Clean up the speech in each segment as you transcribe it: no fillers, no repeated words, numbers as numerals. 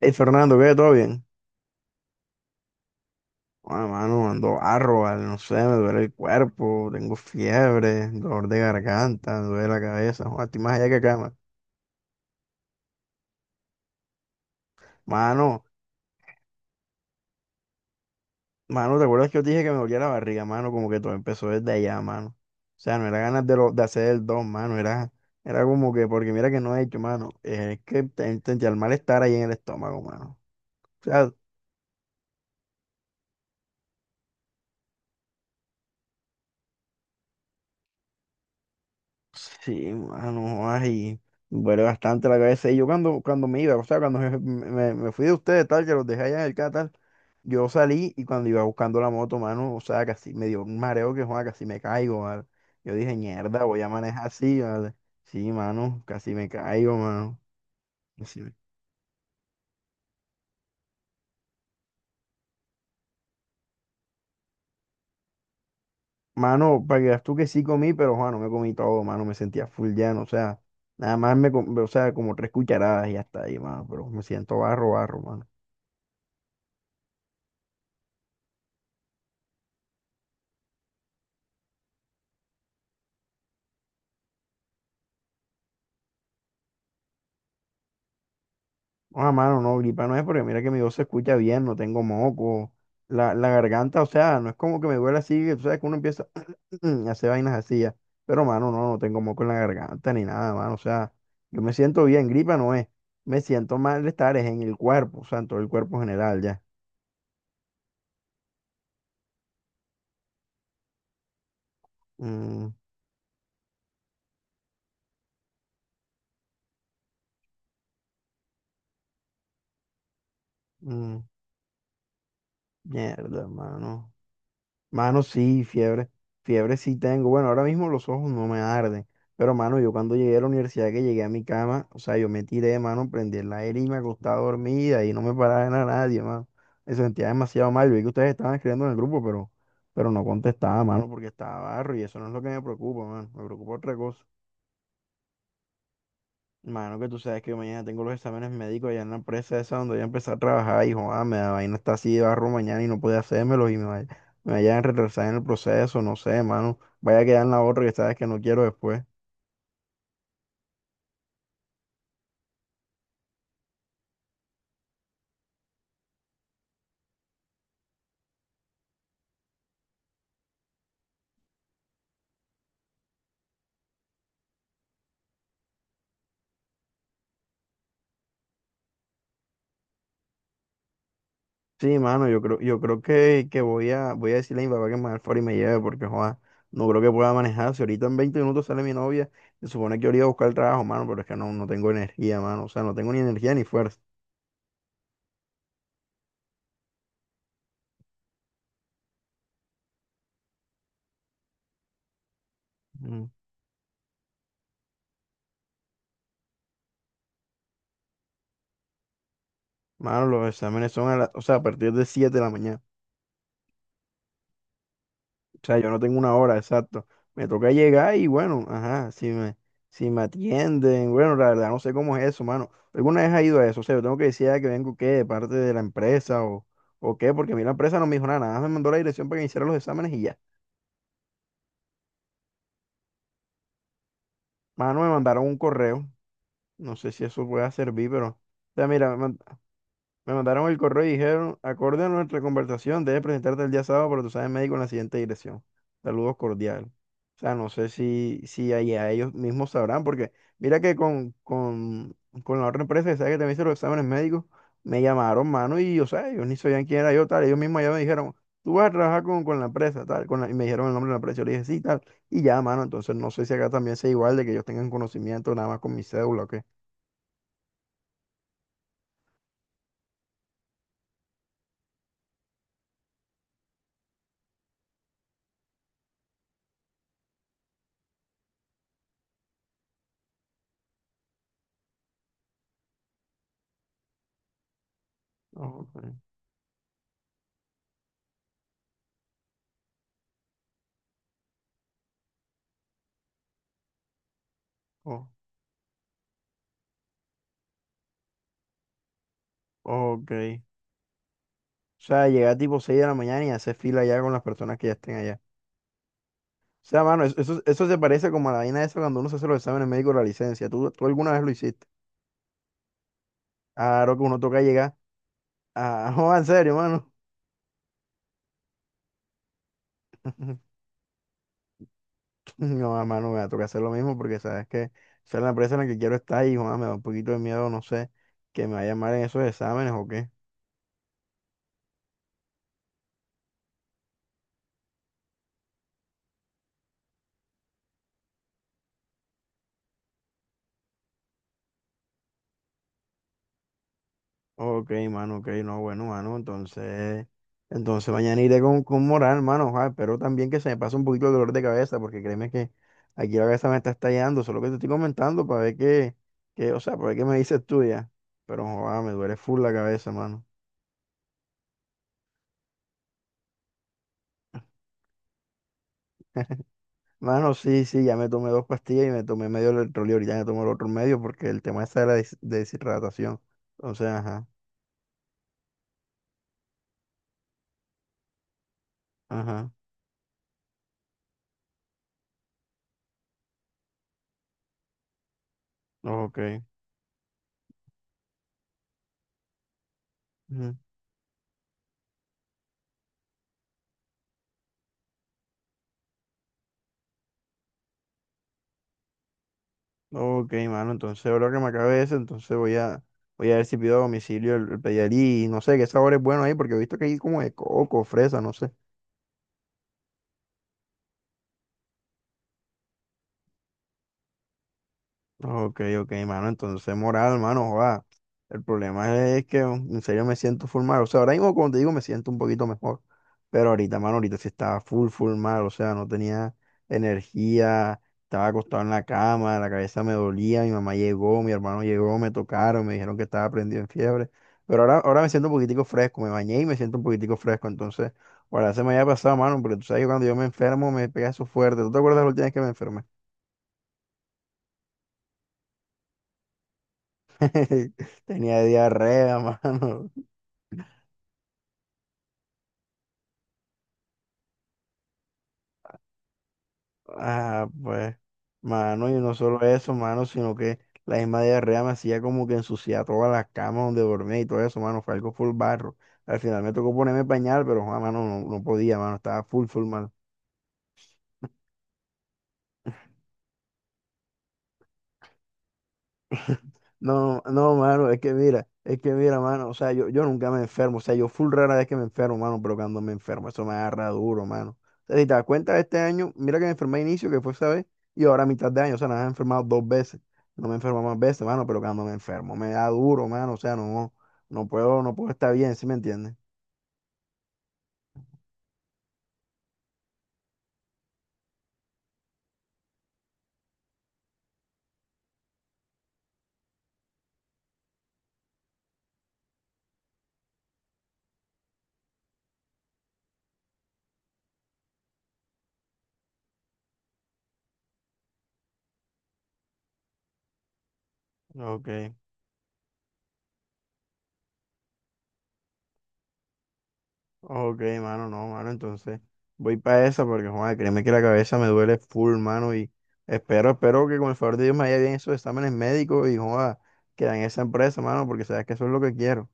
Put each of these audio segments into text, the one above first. Hey Fernando, ¿qué? ¿Todo bien? Ah, mano, ando arroba, no sé, me duele el cuerpo, tengo fiebre, dolor de garganta, me duele la cabeza, joder, estoy más allá que acá, mano. Mano, mano, ¿te acuerdas que yo te dije que me dolía la barriga, mano? Como que todo empezó desde allá, mano. O sea, no era ganas de, de hacer el don, mano, era como que, porque mira que no he hecho, mano, es que sentía el malestar ahí en el estómago, mano. Sí, mano, ay, duele bastante la cabeza. Y yo cuando me iba, o sea, cuando me fui de ustedes, tal, que los dejé allá en el Catal, yo salí y cuando iba buscando la moto, mano, o sea, casi me dio un mareo que, joder, casi me caigo, ¿vale? Yo dije, mierda, voy a manejar así, ¿vale? Sí, mano, casi me caigo, mano. Casi me- Mano, para que veas tú que sí comí, pero, Juan, no me comí todo, mano, me sentía full lleno, o sea, nada más o sea, como tres cucharadas y hasta ahí, mano, pero me siento barro, barro, mano. Ah, mano, no, gripa no es porque mira que mi voz se escucha bien, no tengo moco. La garganta, o sea, no es como que me duele así, que tú sabes que uno empieza a hacer vainas así ya. Pero, mano, no tengo moco en la garganta ni nada, mano. O sea, yo me siento bien, gripa no es. Me siento malestar es en el cuerpo, o sea, en todo el cuerpo general ya. Mm, mm, mierda, mano. Mano, sí, fiebre. Fiebre sí tengo. Bueno, ahora mismo los ojos no me arden. Pero, mano, yo cuando llegué a la universidad, que llegué a mi cama, o sea, yo me tiré, mano, prendí el aire y me acostaba dormida y no me paraba de nada nadie, mano. Me sentía demasiado mal. Yo vi que ustedes estaban escribiendo en el grupo, pero no contestaba, mano, porque estaba barro y eso no es lo que me preocupa, mano. Me preocupa otra cosa. Mano, que tú sabes que mañana tengo los exámenes médicos allá en la empresa esa donde voy a empezar a trabajar y joder, me da vaina está así de barro mañana y no puede hacérmelos y me vayan a retrasar en el proceso, no sé, mano. Vaya a quedar en la otra que sabes que no quiero después. Sí, mano, yo creo que voy a decirle a mi papá que me haga el favor y me lleve porque joder, no creo que pueda manejar. Si ahorita en 20 minutos sale mi novia, se supone que yo iría a buscar el trabajo, mano, pero es que no tengo energía, mano. O sea, no tengo ni energía ni fuerza. Mm. Mano, los exámenes son o sea, a partir de 7 de la mañana. O sea, yo no tengo una hora, exacto. Me toca llegar y bueno, ajá, si me atienden, bueno, la verdad no sé cómo es eso, mano. ¿Alguna vez ha ido a eso? O sea, yo tengo que decir ah, que vengo qué, de parte de la o qué, porque a mí la empresa no me dijo nada, nada más me mandó la dirección para que hiciera los exámenes y ya. Mano, me mandaron un correo, no sé si eso pueda servir, pero, o sea, mira, me mandaron el correo y dijeron, acorde a nuestra conversación, debes presentarte el día sábado para tu examen médico en la siguiente dirección. Saludos cordiales. O sea, no sé si ahí a ellos mismos sabrán, porque mira que con la otra empresa que sabe que también hice los exámenes médicos, me llamaron, mano, y o sea, ellos ni sabían quién era yo, tal. Ellos mismos ya me dijeron, tú vas a trabajar con la empresa, tal, con la- y me dijeron el nombre de la empresa. Yo le dije, sí, tal. Y ya, mano, entonces no sé si acá también sea igual de que ellos tengan conocimiento nada más con mi cédula o qué. Ok. Oh, ok. O sea, llegar tipo 6 de la mañana y hacer fila ya con las personas que ya estén allá. O sea, mano, eso se parece como a la vaina esa cuando uno se hace los exámenes médicos de la licencia. ¿Tú, ¿alguna vez lo hiciste? Claro que uno toca llegar a... No, en serio, mano. No, mano, me va a tocar hacer lo mismo porque sabes que esa es la empresa en la que quiero estar y, joder, me da un poquito de miedo, no sé, que me vaya mal en esos exámenes o qué. Ok, mano, ok, no, bueno, mano, entonces mañana iré con moral, mano, ojalá, pero también que se me pase un poquito el dolor de cabeza, porque créeme que aquí la cabeza me está estallando, solo que te estoy comentando para ver o sea, para ver qué me dices tú ya, pero joder, me duele full la cabeza, mano. Mano, sí, ya me tomé 2 pastillas y me tomé medio electrolio, ahorita me tomo el otro medio porque el tema está de la deshidratación, entonces, ajá, ajá, ok. Ujú. Ok, mano, entonces ahora que me acabe eso, entonces voy a ver si pido a domicilio el Pedialí y no sé qué sabor es bueno ahí, porque he visto que hay como de coco, fresa, no sé. Ok, ok, mano. Entonces, moral, mano, joda. El problema es que en serio me siento full mal. O sea, ahora mismo, como te digo, me siento un poquito mejor. Pero ahorita, mano, ahorita sí estaba full, full mal. O sea, no tenía energía. Estaba acostado en la cama, la cabeza me dolía. Mi mamá llegó, mi hermano llegó, me tocaron, me dijeron que estaba prendido en fiebre. Pero ahora me siento un poquitico fresco. Me bañé y me siento un poquitico fresco. Entonces, ahora se me había pasado, mano, porque tú sabes que cuando yo me enfermo me pega eso fuerte. ¿Tú te acuerdas la última vez que me enfermé? Tenía diarrea, mano. Ah, pues, mano, y no solo eso, mano, sino que la misma diarrea me hacía como que ensuciar todas las camas donde dormía y todo eso, mano. Fue algo full barro. Al final me tocó ponerme pañal, pero, ah, mano, no podía, mano. Estaba full, full mal. No, no, mano, es que mira, mano, o sea, yo nunca me enfermo, o sea, yo full rara vez que me enfermo, mano, pero cuando me enfermo, eso me agarra duro, mano. O sea, si te das cuenta, este año, mira que me enfermé a inicio, que fue esa vez, y ahora a mitad de año, o sea, nada, me he enfermado 2 veces, no me enfermo más veces, mano, pero cuando me enfermo, me da duro, mano, o sea, no, no puedo estar bien, ¿sí me entiendes? Ok. Ok, mano, no, mano, entonces voy para esa porque, joder, créeme que la cabeza me duele full, mano, y espero que con el favor de Dios me haya bien esos exámenes médicos y, joder, que en esa empresa, mano, porque sabes que eso es lo que quiero.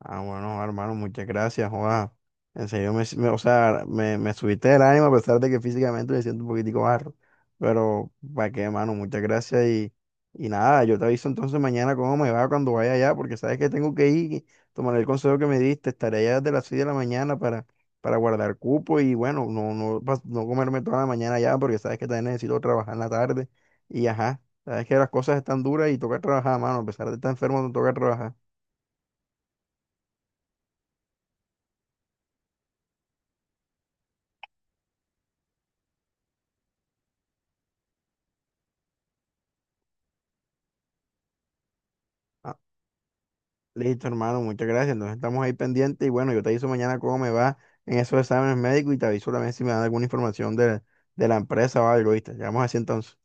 Ah, bueno, hermano, muchas gracias, Juan. En serio, o sea, me subiste el ánimo a pesar de que físicamente me siento un poquitico barro. Pero, ¿para qué, hermano? Muchas gracias y nada, yo te aviso entonces mañana cómo me va cuando vaya allá, porque sabes que tengo que ir, y tomaré el consejo que me diste, estaré allá desde las 6 de la mañana para guardar cupo y bueno, no, no comerme toda la mañana allá, porque sabes que también necesito trabajar en la tarde y ajá, sabes que las cosas están duras y toca trabajar, mano, a pesar de estar enfermo, no toca trabajar. Listo, hermano, muchas gracias. Entonces estamos ahí pendientes y bueno, yo te aviso mañana cómo me va en esos exámenes médicos y te aviso también si me dan alguna información de la empresa o algo, ¿viste? Vamos así entonces.